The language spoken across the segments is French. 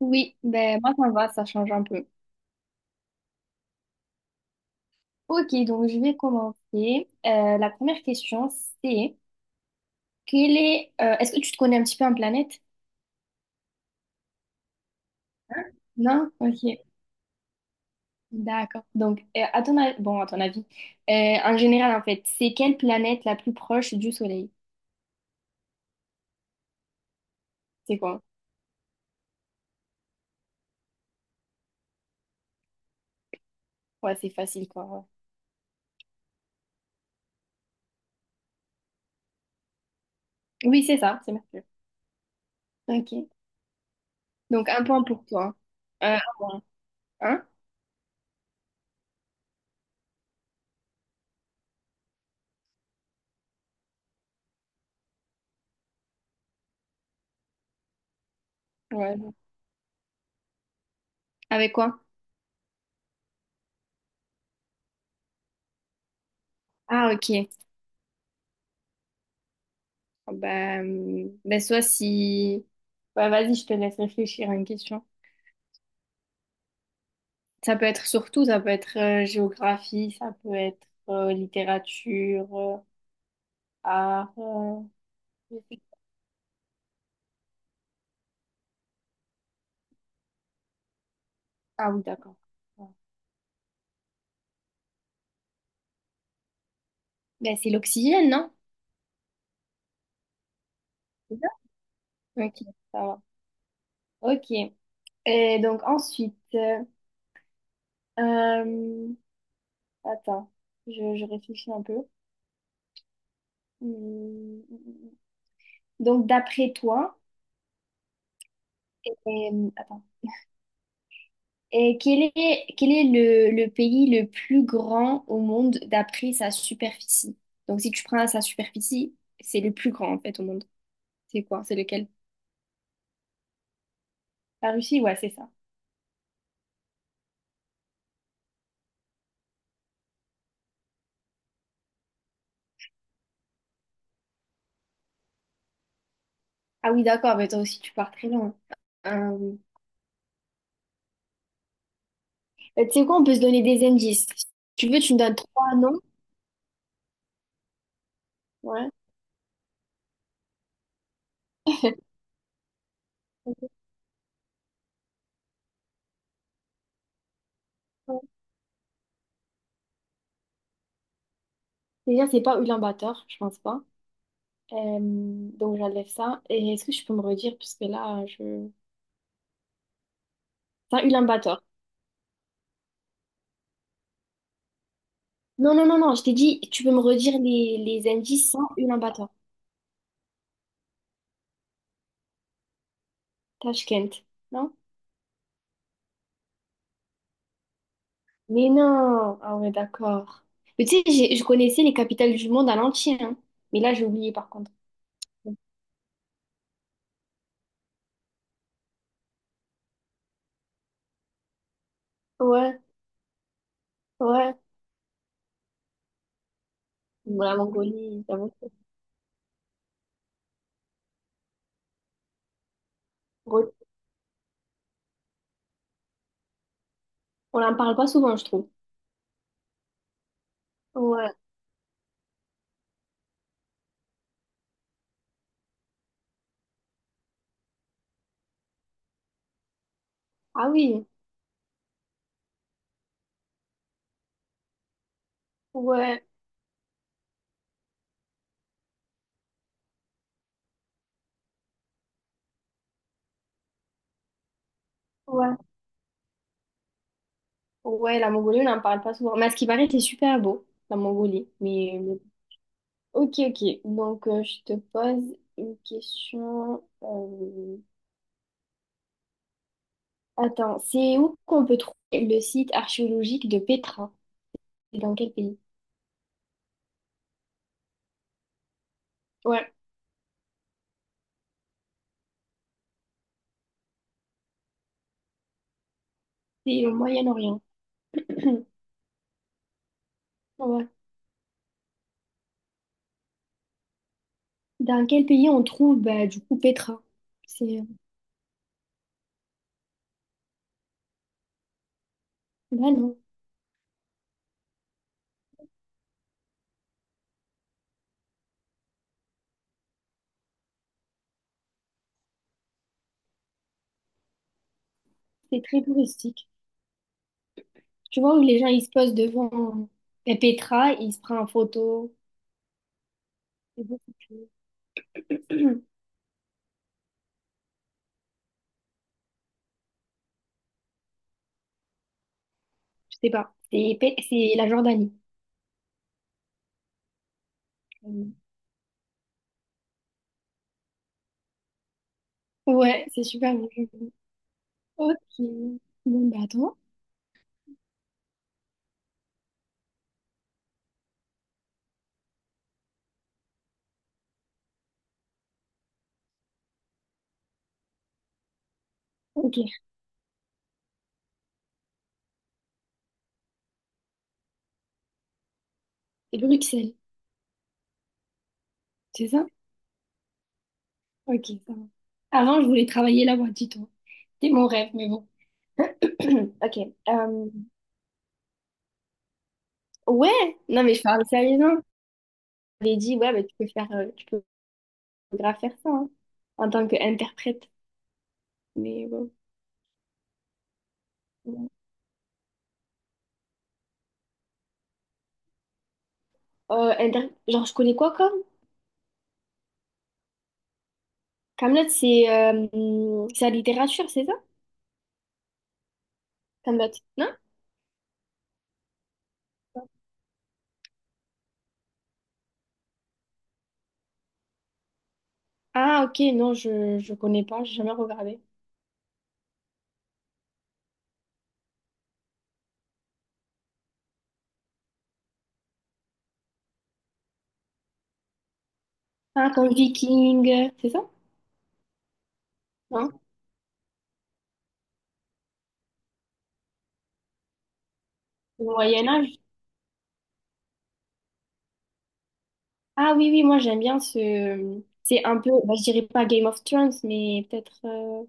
Oui, ben moi ça me va, ça change un peu. Ok, donc je vais commencer. La première question, c'est est-ce que tu te connais un petit peu en planète? Hein? Non? Ok, d'accord. Donc, à ton avis, euh, en général, en fait, c'est quelle planète la plus proche du Soleil? C'est quoi? Ouais, c'est facile, quoi. Ouais. Oui, c'est ça, c'est Mercure. Ok. Donc, un point pour toi. Un point. Hein? Ouais. Avec quoi? Ah, ok. Ah, bah, ben soit si. Bah, vas-y, je te laisse réfléchir à une question. Ça peut être surtout, ça peut être géographie, ça peut être littérature, art. Je sais- Ah oui, d'accord. Ouais. Ben, c'est l'oxygène, non? C'est ça. Ok, ça va. Ok. Et donc ensuite, euh, attends, je réfléchis un peu. Hmm, hmm, hmm, hmm. Donc d'après toi, et, attends. Et quel est le pays le plus grand au monde d'après sa superficie? Donc, si tu prends sa superficie, c'est le plus grand en fait au monde. C'est quoi? C'est lequel? La Russie? Ouais, c'est ça. Ah oui, d'accord, mais toi aussi, tu pars très loin. Euh, tu sais quoi, on peut se donner des indices. Si tu veux, tu me donnes trois noms. Ouais. Déjà, c'est pas Ulaanbaatar, je pense pas. Donc, j'enlève ça. Et est-ce que je peux me redire? Parce que là, je. C'est pas Ulaanbaatar. Non, non, non, non, je t'ai dit, tu peux me redire les indices sans Ulaanbaatar, Tashkent, non? Mais non, ah ouais, d'accord. Mais tu sais, je connaissais les capitales du monde à l'entier, hein. Mais là, j'ai oublié par contre. Ouais, ouais. Bon, la Mongolie, j'avoue que. Re- On n'en parle pas souvent, je trouve. Ouais. Ah oui, ouais, ouais. Ouais, la Mongolie, on n'en parle pas souvent. Mais à ce qui paraît, c'est super beau, la Mongolie. Ok, ok. Donc, je te pose une question. Attends, c'est où qu'on peut trouver le site archéologique de Petra? C'est dans quel pays? Ouais, c'est au Moyen-Orient. Ouais. Dans quel pays on trouve, bah, du coup, Petra? C'est, bah non, c'est très touristique. Tu vois où les gens ils se posent devant, Petra, ils se prennent en photo. C'est beau, c'est tout. Je sais pas. C'est la Jordanie. Ouais, c'est super bien. Ok. Bon, bah, attends. Ok. C'est Bruxelles. C'est ça? Ok, ça va. Avant, je voulais travailler là-bas, dis-toi. C'était mon rêve, mais bon. Ok. euh, ouais, non mais je parle sérieusement. J'avais dit ouais, mais tu peux grave faire ça, hein, en tant qu'interprète. Mais bon. Bon. Genre je connais quoi comme? Kaamelott, c'est la littérature, c'est ça? Kaamelott, non? Ah ok, non, je connais pas, j'ai jamais regardé. Ah comme Viking, c'est ça? Non? Moyen Âge? Ah oui, oui, moi j'aime bien ce. C'est un peu, bah, je dirais pas Game of Thrones, mais peut-être.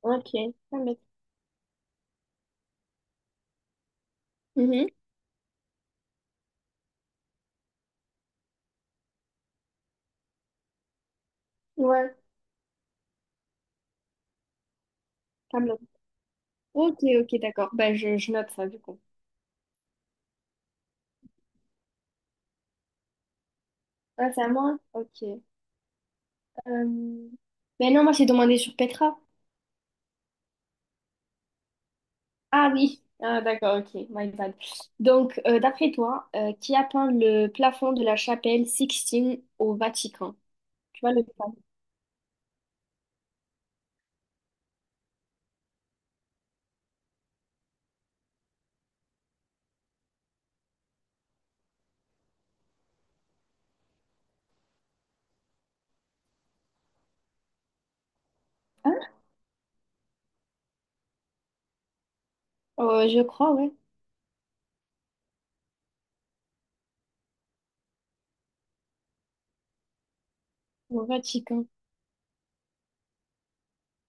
Ok. Hamlet. Mhm. Ouais, Hamlet. Ok, ok, d'accord. Bah, je note ça, du coup. Ah, c'est à moi? Ok. Ben non, moi j'ai demandé sur Petra. Ah oui. Ah, d'accord, ok, my bad. Donc, d'après toi, qui a peint le plafond de la chapelle Sixtine au Vatican? Tu vois le plafond? Hein? Je crois, ouais. Au Vatican.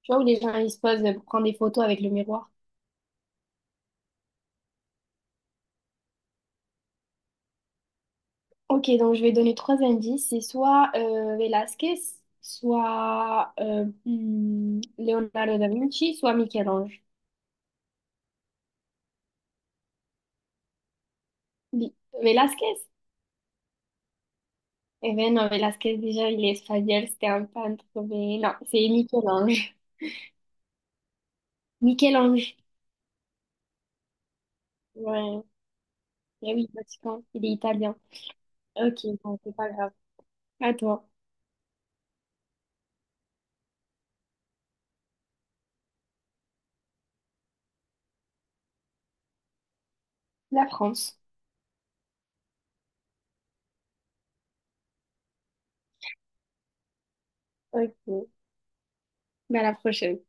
Tu vois où les gens ils se posent pour prendre des photos avec le miroir? Ok, donc je vais donner trois indices. C'est soit Velázquez, soit Leonardo da Vinci, soit Michel-Ange. Li- Velázquez? Eh ben non, Velázquez, déjà, il est espagnol, c'était un peintre, mais non, c'est Michel-Ange. Michel-Ange, ouais. Eh oui, Vatican, il est italien. Ok, bon, c'est pas grave. À toi. La France. Ok, ben, à la prochaine.